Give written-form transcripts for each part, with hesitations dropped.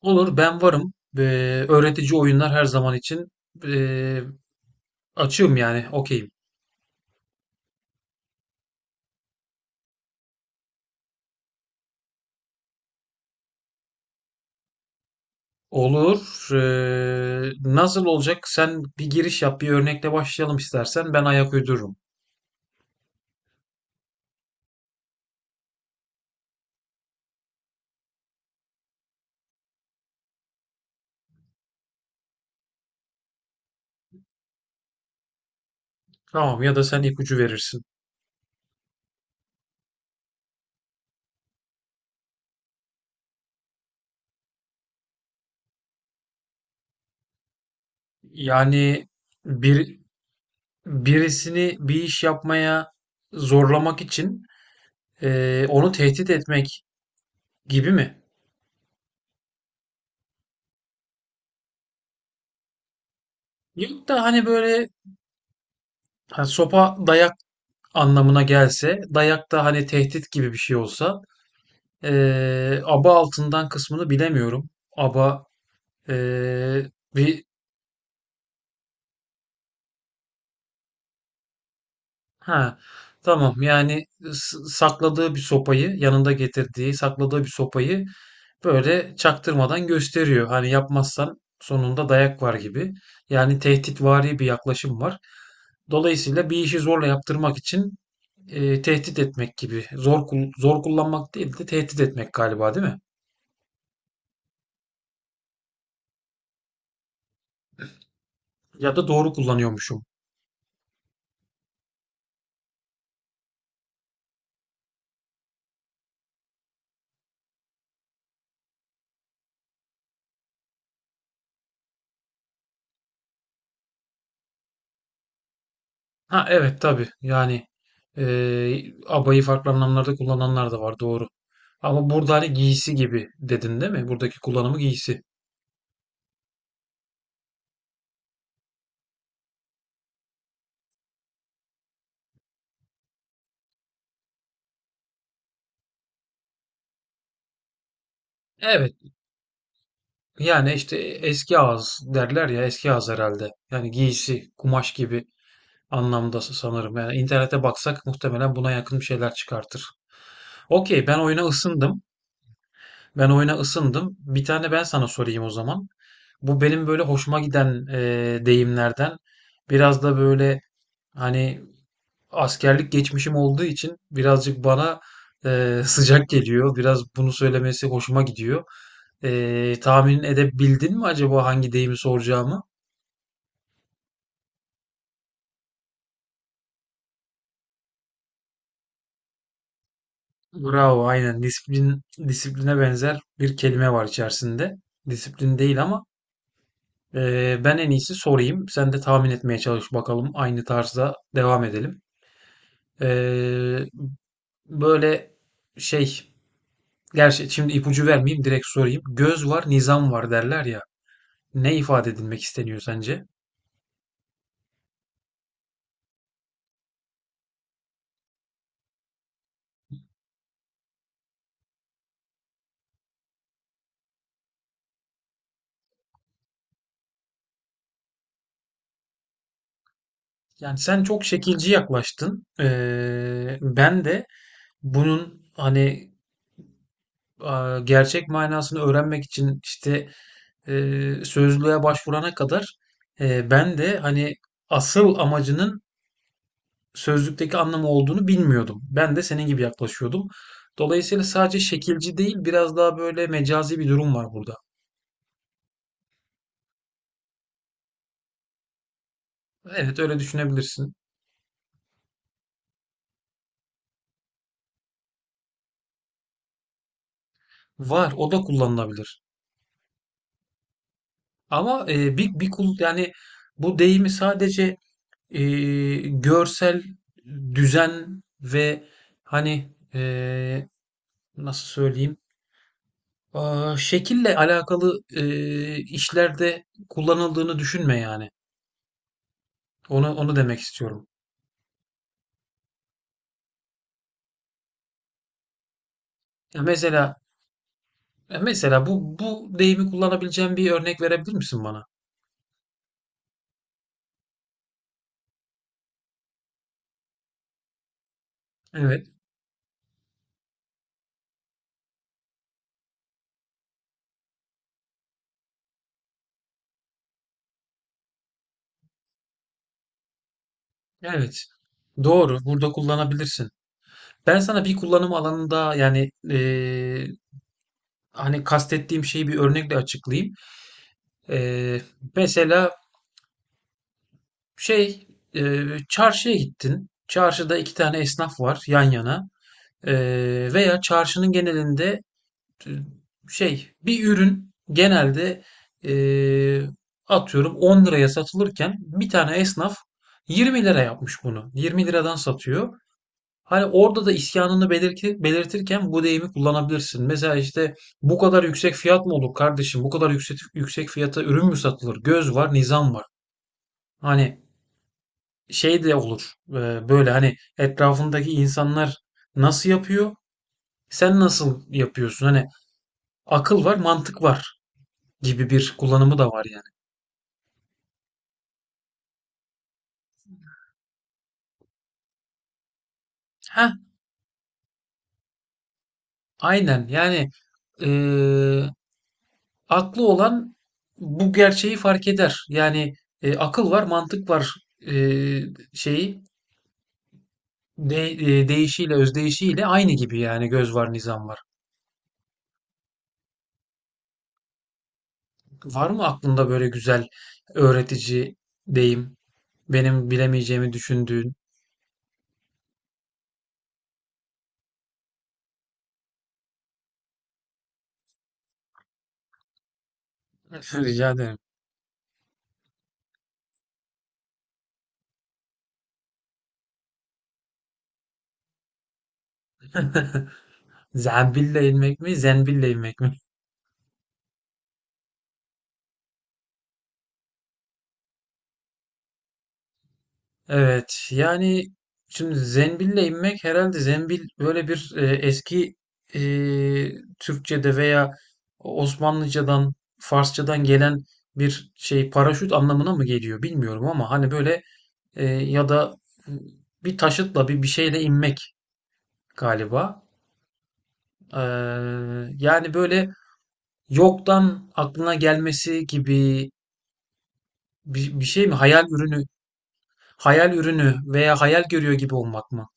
Olur, ben varım. Öğretici oyunlar her zaman için ee, açığım, yani okeyim. Olur. Nasıl olacak? Sen bir giriş yap, bir örnekle başlayalım istersen. Ben ayak uydururum. Tamam, ya da sen ipucu verirsin. Yani bir birisini bir iş yapmaya zorlamak için onu tehdit etmek gibi mi? Yok, da hani böyle ha, sopa dayak anlamına gelse, dayak da hani tehdit gibi bir şey olsa, aba altından kısmını bilemiyorum. Aba bir... Ha, tamam. Yani sakladığı bir sopayı, yanında getirdiği, sakladığı bir sopayı böyle çaktırmadan gösteriyor. Hani yapmazsan sonunda dayak var gibi. Yani tehditvari bir yaklaşım var. Dolayısıyla bir işi zorla yaptırmak için tehdit etmek gibi. Zor kullanmak değil de tehdit etmek galiba, değil mi? Ya da doğru kullanıyormuşum. Ha, evet tabii, yani abayı farklı anlamlarda kullananlar da var, doğru. Ama burada hani giysi gibi dedin, değil mi? Buradaki kullanımı giysi. Evet, yani işte eski ağız derler ya, eski ağız herhalde. Yani giysi, kumaş gibi anlamda sanırım. Yani internete baksak muhtemelen buna yakın bir şeyler çıkartır. Okey, ben oyuna ısındım. Ben oyuna ısındım. Bir tane ben sana sorayım o zaman. Bu benim böyle hoşuma giden deyimlerden, biraz da böyle hani askerlik geçmişim olduğu için birazcık bana sıcak geliyor. Biraz bunu söylemesi hoşuma gidiyor. Tahmin edebildin mi acaba hangi deyimi soracağımı? Bravo, aynen. Disiplin, disipline benzer bir kelime var içerisinde. Disiplin değil, ama ben en iyisi sorayım. Sen de tahmin etmeye çalış bakalım. Aynı tarzda devam edelim. Eee, böyle şey, Gerçi şimdi ipucu vermeyeyim, direkt sorayım. Göz var, nizam var derler ya. Ne ifade edilmek isteniyor sence? Yani sen çok şekilci yaklaştın. Ben de bunun hani gerçek manasını öğrenmek için işte sözlüğe başvurana kadar ben de hani asıl amacının sözlükteki anlamı olduğunu bilmiyordum. Ben de senin gibi yaklaşıyordum. Dolayısıyla sadece şekilci değil, biraz daha böyle mecazi bir durum var burada. Evet, öyle düşünebilirsin. Var, o da kullanılabilir. Ama e, bir bir kul yani bu deyimi sadece e, görsel düzen ve hani nasıl söyleyeyim? Aa, şekille alakalı işlerde kullanıldığını düşünme yani. Onu demek istiyorum. Ya mesela ya mesela bu deyimi kullanabileceğim bir örnek verebilir misin bana? Evet. Evet. Doğru. Burada kullanabilirsin. Ben sana bir kullanım alanında, yani hani kastettiğim şeyi bir örnekle açıklayayım. E, Mesela şey çarşıya gittin. Çarşıda iki tane esnaf var yan yana. E, Veya çarşının genelinde bir ürün genelde, eee, atıyorum 10 liraya satılırken, bir tane esnaf 20 lira yapmış bunu. 20 liradan satıyor. Hani orada da isyanını belirtirken bu deyimi kullanabilirsin. Mesela işte, bu kadar yüksek fiyat mı olur kardeşim? Bu kadar yüksek fiyata ürün mü satılır? Göz var, nizam var. Hani şey de olur. Böyle hani etrafındaki insanlar nasıl yapıyor? Sen nasıl yapıyorsun? Hani akıl var, mantık var gibi bir kullanımı da var yani. Heh, aynen yani, eee, aklı olan bu gerçeği fark eder. Yani akıl var, mantık var eee, şeyi değişiyle, özdeyişiyle aynı gibi, yani göz var, nizam var. Var mı aklında böyle güzel öğretici deyim? Benim bilemeyeceğimi düşündüğün. Rica ederim. Zembille inmek mi, zembille inmek mi? Evet yani şimdi Zembil'le inmek herhalde. Zembil böyle bir eski e, Türkçe'de veya Osmanlıcadan, Farsçadan gelen bir şey. Paraşüt anlamına mı geliyor bilmiyorum, ama hani böyle e, ya da e, bir taşıtla bir şeyle inmek galiba. Eee, Yani böyle yoktan aklına gelmesi gibi bir şey mi? Hayal ürünü, hayal ürünü veya hayal görüyor gibi olmak mı?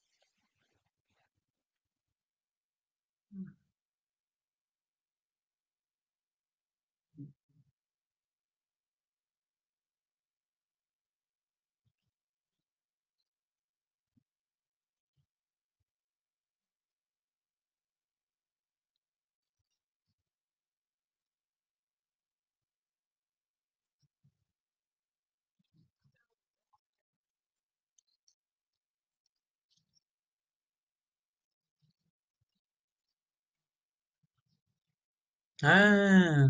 He.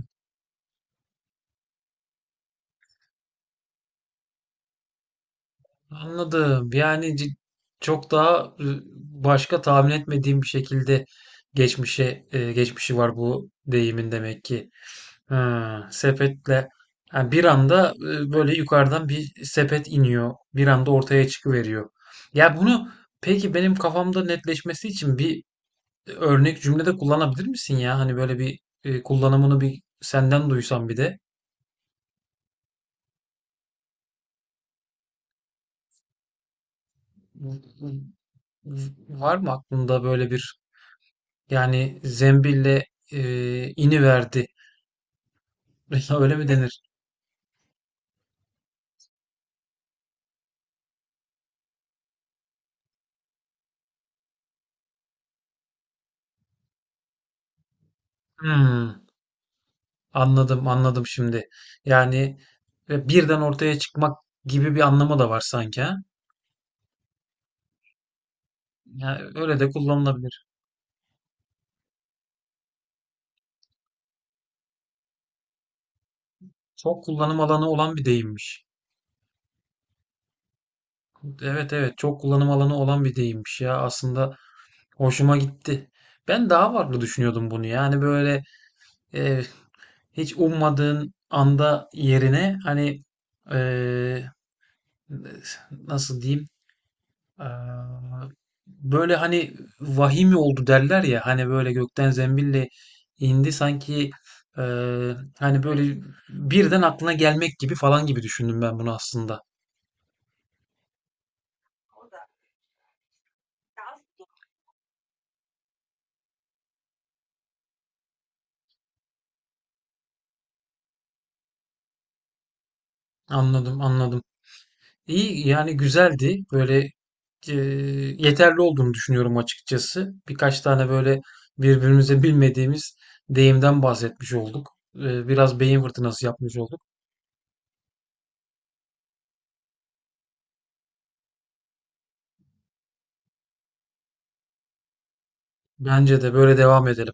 Anladım. Yani çok daha başka, tahmin etmediğim bir şekilde geçmişi var bu deyimin demek ki. Ha, sepetle. Yani bir anda böyle yukarıdan bir sepet iniyor. Bir anda ortaya çıkıveriyor. Ya bunu, peki, benim kafamda netleşmesi için bir örnek cümlede kullanabilir misin ya? Hani böyle bir kullanımını bir senden duysam bir de. V- Var mı aklında böyle bir... Yani zembille ini verdi. Öyle mi denir? Hmm, anladım, anladım şimdi. Yani ve birden ortaya çıkmak gibi bir anlamı da var sanki, ha? Yani öyle de kullanılabilir. Çok kullanım alanı olan bir deyimmiş. Evet, evet, çok kullanım alanı olan bir deyimmiş ya. Aslında hoşuma gitti. Ben daha farklı düşünüyordum bunu. Yani böyle eee, hiç ummadığın anda yerine hani, eee, nasıl diyeyim? Eee, Böyle hani vahimi oldu derler ya, hani böyle gökten zembille indi sanki, hani böyle birden aklına gelmek gibi falan gibi düşündüm ben bunu aslında. Anladım, anladım. İyi, yani güzeldi. Böyle eee, yeterli olduğunu düşünüyorum açıkçası. Birkaç tane böyle birbirimize bilmediğimiz deyimden bahsetmiş olduk. Biraz beyin fırtınası yapmış olduk. Bence de böyle devam edelim.